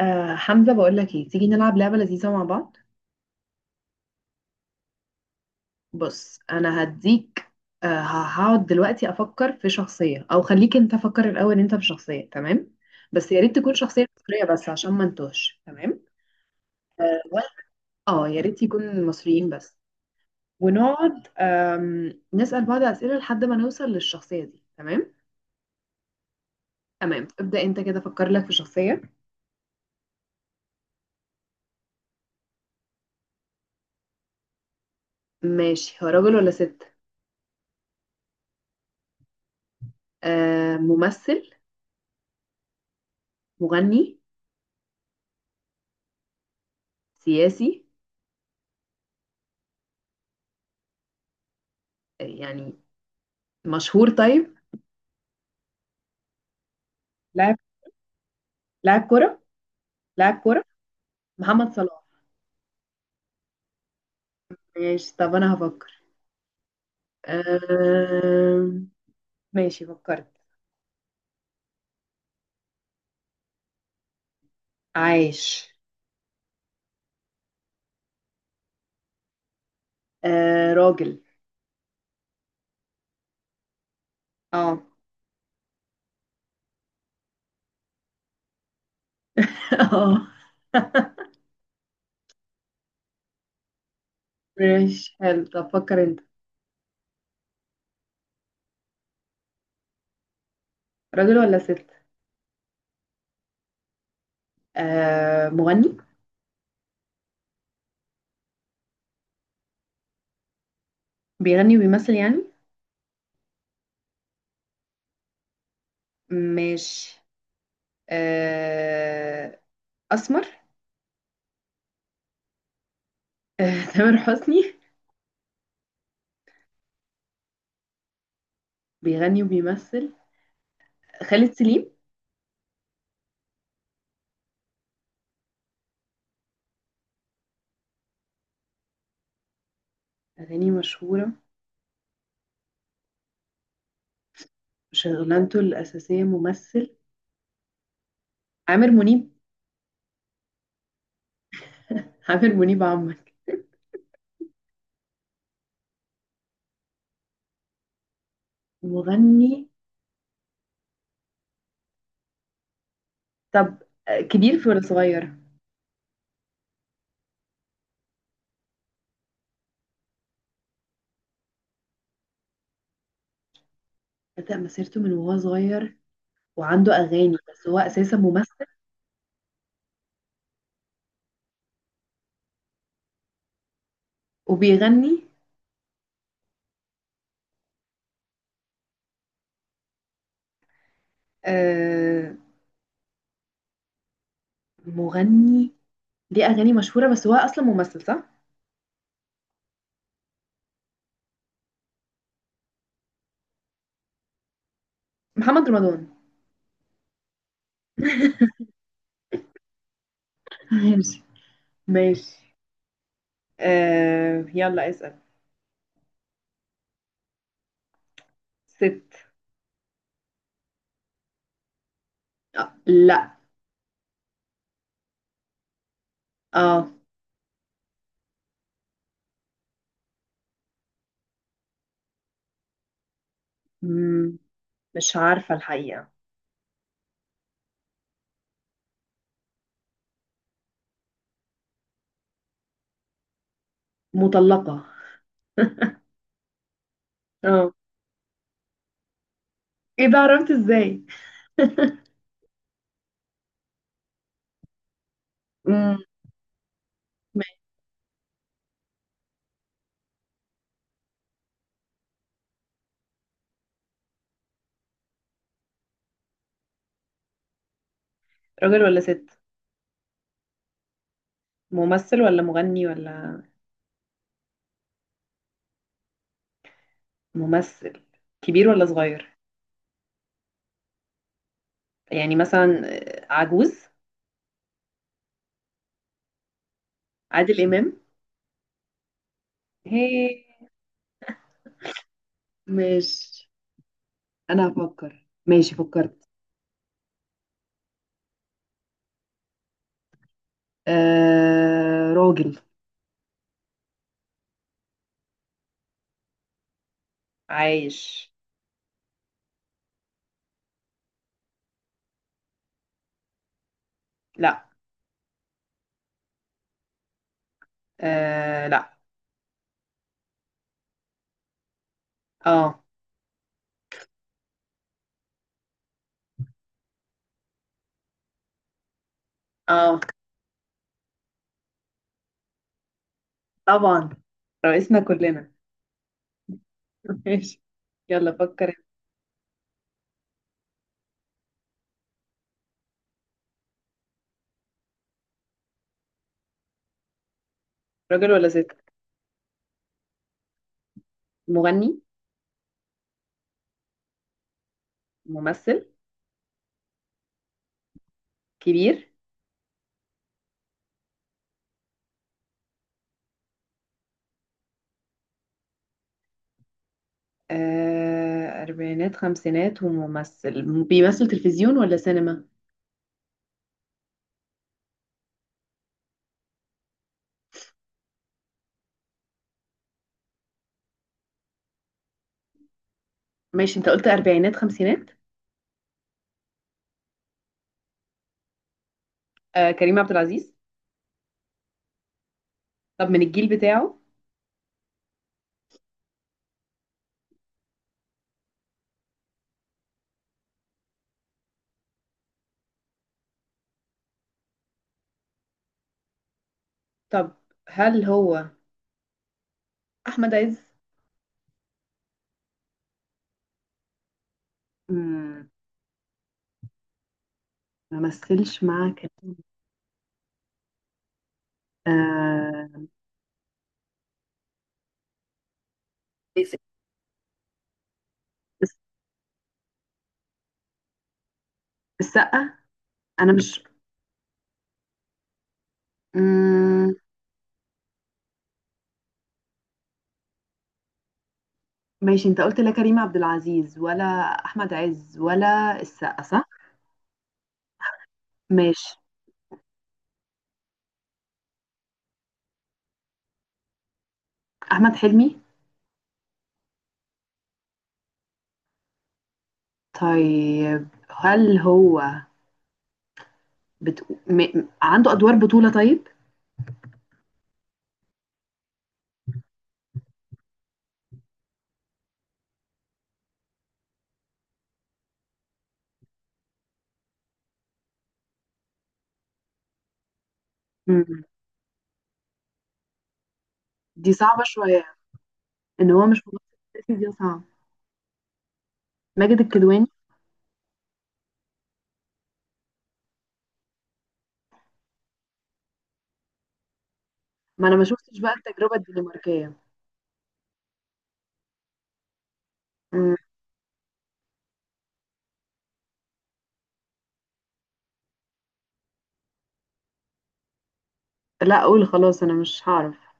حمزة، بقول لك ايه، تيجي نلعب لعبة لذيذة مع بعض. بص انا هديك. هقعد دلوقتي افكر في شخصية، او خليك انت فكر الاول انت في شخصية، تمام؟ بس يا ريت تكون شخصية مصرية بس، عشان ما نتوهش، تمام. اه. وأنا- يا ريت يكون مصريين بس. ونقعد نسأل بعض أسئلة لحد ما نوصل للشخصية دي، تمام. تمام، ابدأ انت كده فكر لك في شخصية. ماشي، هو راجل ولا ست؟ آه، ممثل؟ مغني؟ سياسي؟ يعني مشهور طيب. لاعب. لاعب كرة. لاعب كرة. محمد صلاح. ماشي، طب انا هفكر. أم... ماشي فكرت. عايش. راجل. اه. اه. ماشي حلو، طب فكر انت. راجل ولا ست؟ مغني؟ بيغني وبيمثل يعني. ماشي. أه... اسمر. أه... تامر حسني. بيغني وبيمثل. خالد سليم. أغاني مشهورة. شغلانته الأساسية ممثل. عامر منيب. عامر منيب عمك. مغني. طب كبير في ولا صغير؟ بدأ مسيرته من وهو صغير، وعنده أغاني بس هو أساسا ممثل، وبيغني. آه. مغني. ليه أغاني مشهورة بس هو أصلا ممثل، صح؟ محمد رمضان. ماشي، ماشي. آه يلا اسأل. ست. آه لا. اه. مم، مش عارفة الحقيقة. مطلقة. اه. ايه ده، عرفت ازاي؟ مم. ماشي. راجل ولا ست؟ ممثل ولا مغني ولا؟ ممثل. كبير ولا صغير؟ يعني مثلا عجوز. عادل إمام. هي. ماشي، انا هفكر. ماشي فكرت. آه راجل. عايش. لا. آه لا. اه. اه. طبعا، رئيسنا كلنا. ماشي. يلا فكر. راجل ولا ست؟ مغني؟ ممثل؟ كبير؟ أربعينات خمسينات، وممثل بيمثل تلفزيون ولا سينما؟ ماشي، انت قلت اربعينات خمسينات. آه كريم عبد العزيز. طب من الجيل بتاعه؟ طب هل هو احمد عز؟ مم، ما مثلش مع كريم. آه... الس- السقا. انا مش. مم، ماشي، انت قلت لا كريم عبد العزيز ولا احمد عز ولا السقا، صح؟ ماشي. احمد حلمي. طيب هل هو عنده ادوار بطولة طيب؟ مم، دي صعبة شوية، ان هو مش ممثل أساسي، دي صعبة. ماجد الكدواني. ما انا ما شفتش بقى التجربه الدنماركيه. مم. لا اقول خلاص انا مش هعرف.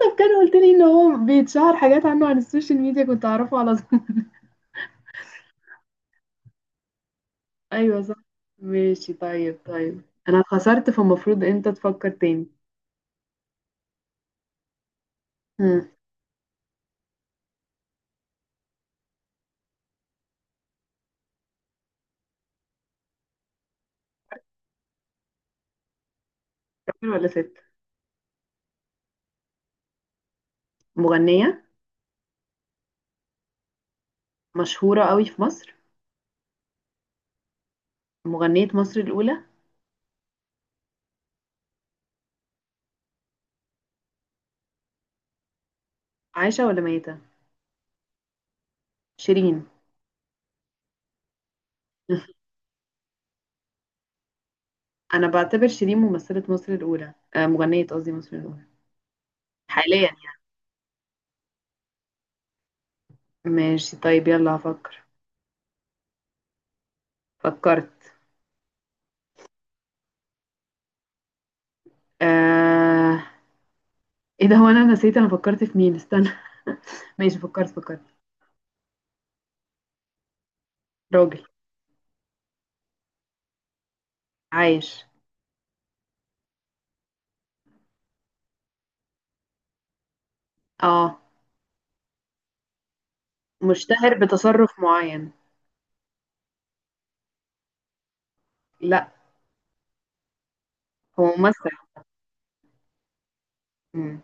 طب كان قلت لي ان هو بيتشهر حاجات عنه على السوشيال ميديا، كنت اعرفه على طول. ايوه صح. ماشي، طيب طيب. انا اتخسرت، فالمفروض انت تفكر تاني. مم. راجل ولا ست؟ مغنيه. مشهوره قوي في مصر. مغنيه مصر الاولى. عايشه ولا ميته؟ شيرين. انا بعتبر شيرين ممثله مصر الاولى، آه مغنيه قصدي مصر الاولى، حاليا يعني. ماشي طيب، يلا هفكر. فكرت. آه... ايه ده، هو انا نسيت، انا فكرت في مين، استنى. ماشي فكرت فكرت. راجل. عايش. اه. مشتهر بتصرف معين. لا، هو ممثل. مم.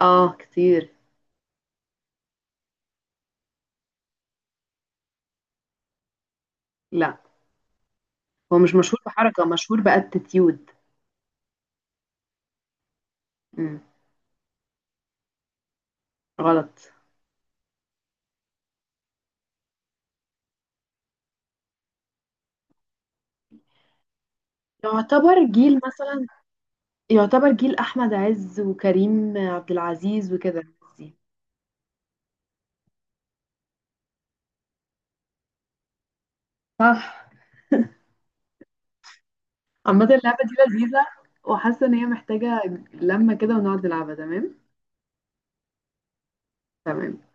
اه كتير. لا، هو مش مشهور بحركة، مشهور باتيتيود. مم. غلط. يعتبر جيل مثلا. يعتبر جيل احمد عز وكريم عبد العزيز وكده. صح. عامة اللعبة دي لذيذة، وحاسة ان هي محتاجة لمة كده ونقعد نلعبها، تمام. تمام.